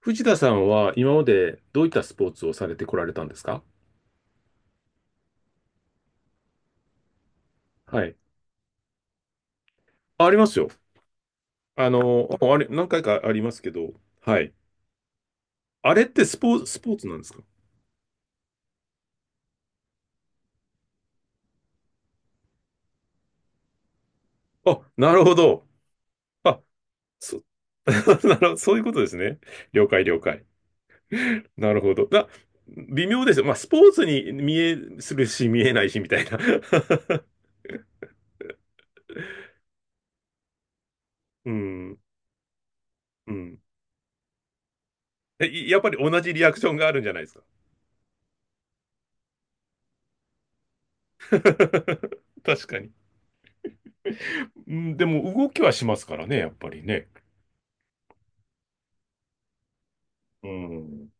藤田さんは今までどういったスポーツをされてこられたんですか？はい。あ、ありますよ。あれ、何回かありますけど、はい。あれってスポーツなんですか？あ、なるほど。あ、そ、なるほど、そういうことですね。了解、了解。なるほど。微妙ですよ。まあ、スポーツに見え、するし、見えないし、みたいな。うん、うん。やっぱり同じリアクションがあるんじゃないですか？確かに。うん、でも動きはしますからね、やっぱりね。うん。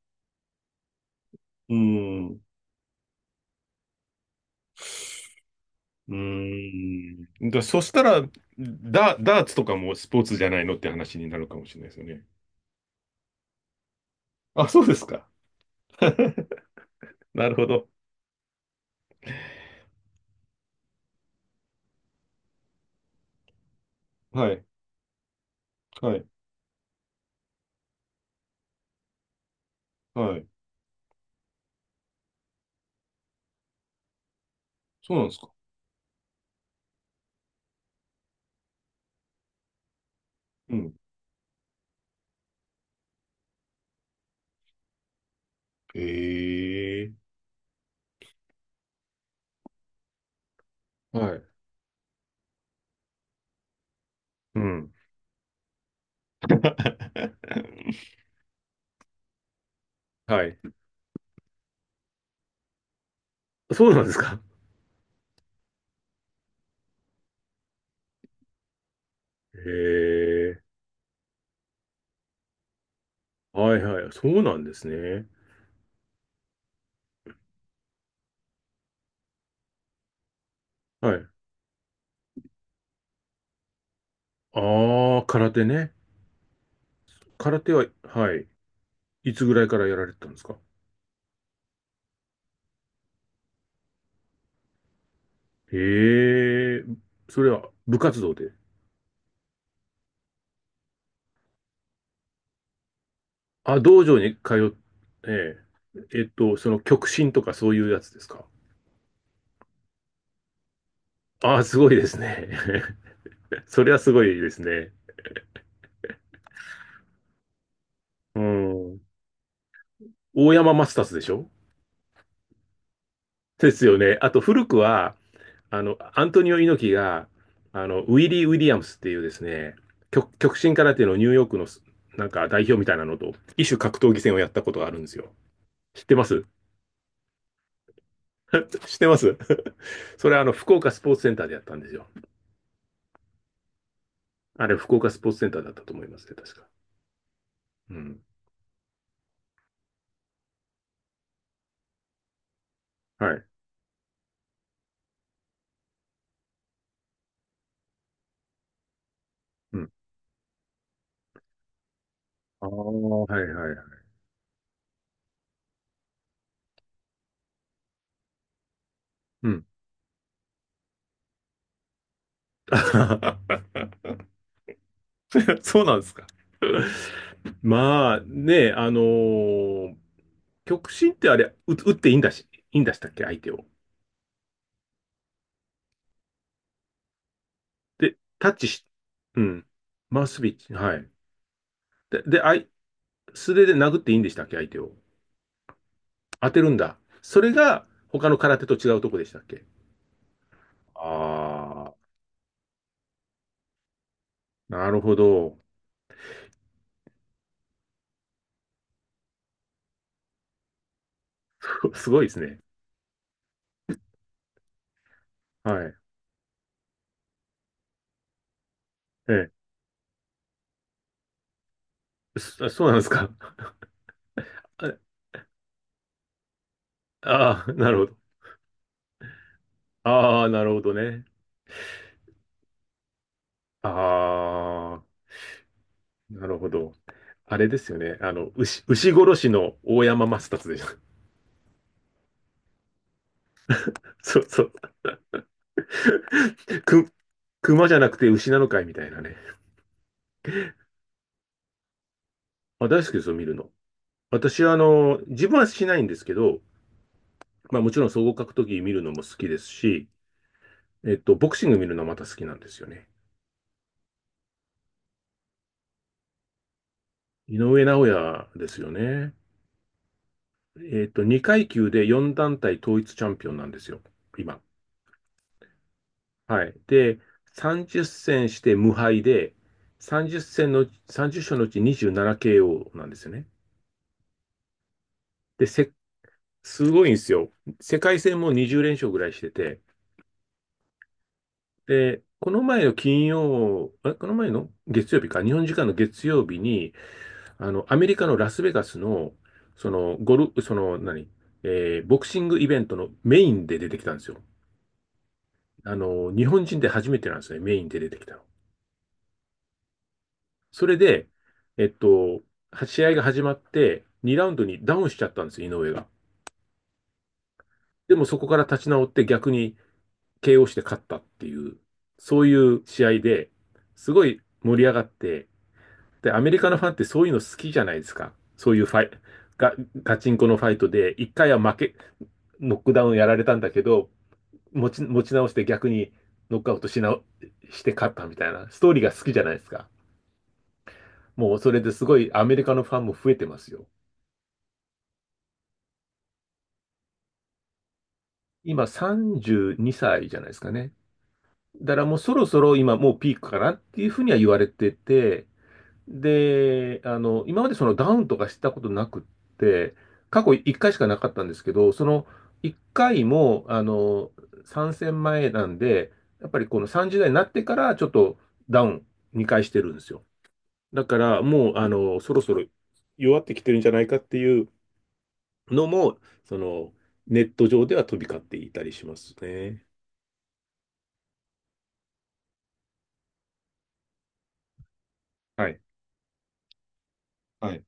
うん。うん。そしたら、ダーツとかもスポーツじゃないのって話になるかもしれないですよね。あ、そうですか。なるほど。はい。はい。はい。そうなんですか？うん。へえ。はい。うん。はい。そうなんですか？へえ。はいはい。そうなんですね。はい。ああ、空手ね。空手は、はい。いつぐらいからやられてたんですか？へえ、それは部活動で。あ、道場に通って、その極真とかそういうやつですか？ああ、すごいですね。それはすごいですね。うん。大山マスターズでしょ？ですよね。あと古くは、アントニオ猪木が、ウィリー・ウィリアムスっていうですね、極真空手のニューヨークのなんか代表みたいなのと、異種格闘技戦をやったことがあるんですよ。知ってます。 知ってます。 それは福岡スポーツセンターでやったんですよ。あれ、福岡スポーツセンターだったと思いますね、確か。うん。はい。うん。ああ、はいはいはい。うん。そうなんですか？まあ、ね極真ってあれ、打っていいんだしたっけ、相手を。で、タッチし、うん。マウスビッチ、はい。で素手で殴っていいんでしたっけ、相手を？当てるんだ。それが、他の空手と違うとこでしたっけ？ああ、なるほど。すごいですね。はい。ええ。そうなんですか？ああー、なるほど。ああ、なるほどね。ああ、なるほど。あれですよね。牛殺しの大山マ達でしょ？そうそう。く、熊じゃなくて牛なのかいみたいなね。あ、大好きですよ、見るの。私は、自分はしないんですけど、まあもちろん総合格闘技見るのも好きですし、ボクシング見るのまた好きなんですよね。井上尚弥ですよね。2階級で4団体統一チャンピオンなんですよ、今。はい。で、30戦して無敗で、30戦の、30勝のうち 27KO ななケーオーなんですよね。で、すごいんですよ。世界戦も20連勝ぐらいしてて、で、この前の金曜、あれこの前の月曜日か、日本時間の月曜日に、アメリカのラスベガスの、その、ゴル、その、何、えーボクシングイベントのメインで出てきたんですよ。日本人で初めてなんですね、メインで出てきたの。それで、えっと、試合が始まって、2ラウンドにダウンしちゃったんですよ、井上が。でもそこから立ち直って逆に KO して勝ったっていう、そういう試合で、すごい盛り上がって、で、アメリカのファンってそういうの好きじゃないですか。そういうファイ、ガ、ガチンコのファイトで、1回は負け、ノックダウンやられたんだけど、持ち直して逆にノックアウトして勝ったみたいな、ストーリーが好きじゃないですか。もうそれですごいアメリカのファンも増えてますよ。今32歳じゅうにさいじゃないですかね。だからもうそろそろ今もうピークかなっていうふうには言われてて、で、今までそのダウンとかしたことなくって、過去1回しかなかったんですけど、その1回も、参戦前なんで、やっぱりこの30代になってからちょっとダウン2回してるんですよ。だからもう、そろそろ弱ってきてるんじゃないかっていうのも、その、ネット上では飛び交っていたりしますね。はい、はい、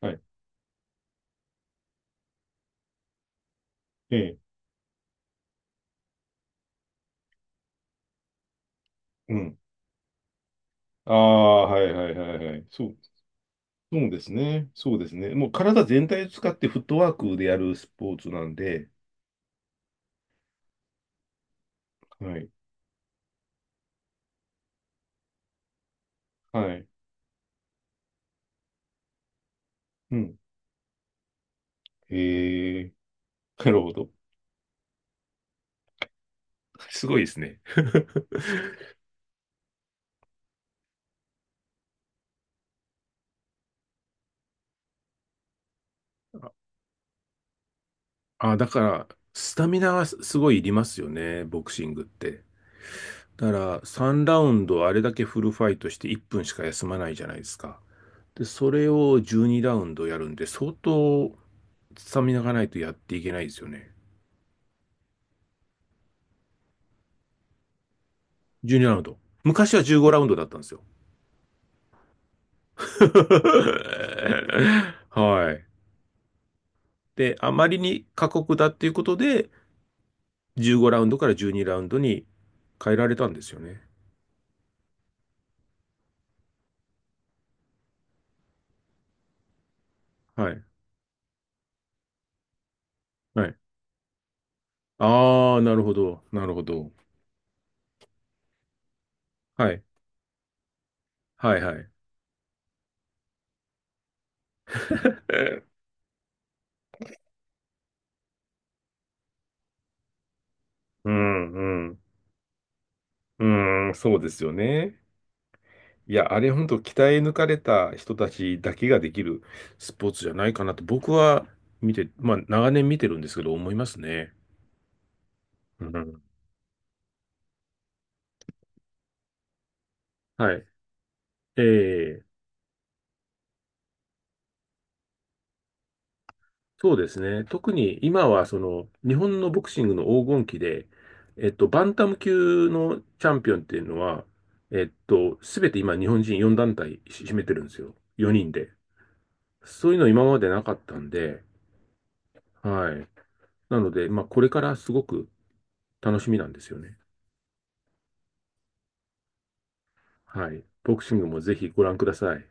はい。ええ、うん。ああ、はいはいはいはい。そう、そうですね。そうですね。もう体全体を使ってフットワークでやるスポーツなんで、はい、はい。うん。へえ、なるほど。すごいですね。あ、だから、スタミナはすごいいりますよね、ボクシングって。だから3ラウンドあれだけフルファイトして1分しか休まないじゃないですか。で、それを12ラウンドやるんで、相当スタミナがないとやっていけないですよね。12ラウンド。昔は15ラウンドだったんですよ。はい。で、あまりに過酷だっていうことで、15ラウンドから12ラウンドに変えられたんですよね。はい。はい。ああ、なるほど。なるほど。はい。はい、はい。うん、うん。うーん、そうですよね。いや、あれ本当鍛え抜かれた人たちだけができるスポーツじゃないかなと僕は見て、まあ長年見てるんですけど思いますね。うん、はい。ええ、そうですね。特に今はその日本のボクシングの黄金期で、バンタム級のチャンピオンっていうのは、すべて今日本人4団体し占めてるんですよ。4人で。そういうの今までなかったんで、はい。なので、まあこれからすごく楽しみなんですよね。はい。ボクシングもぜひご覧ください。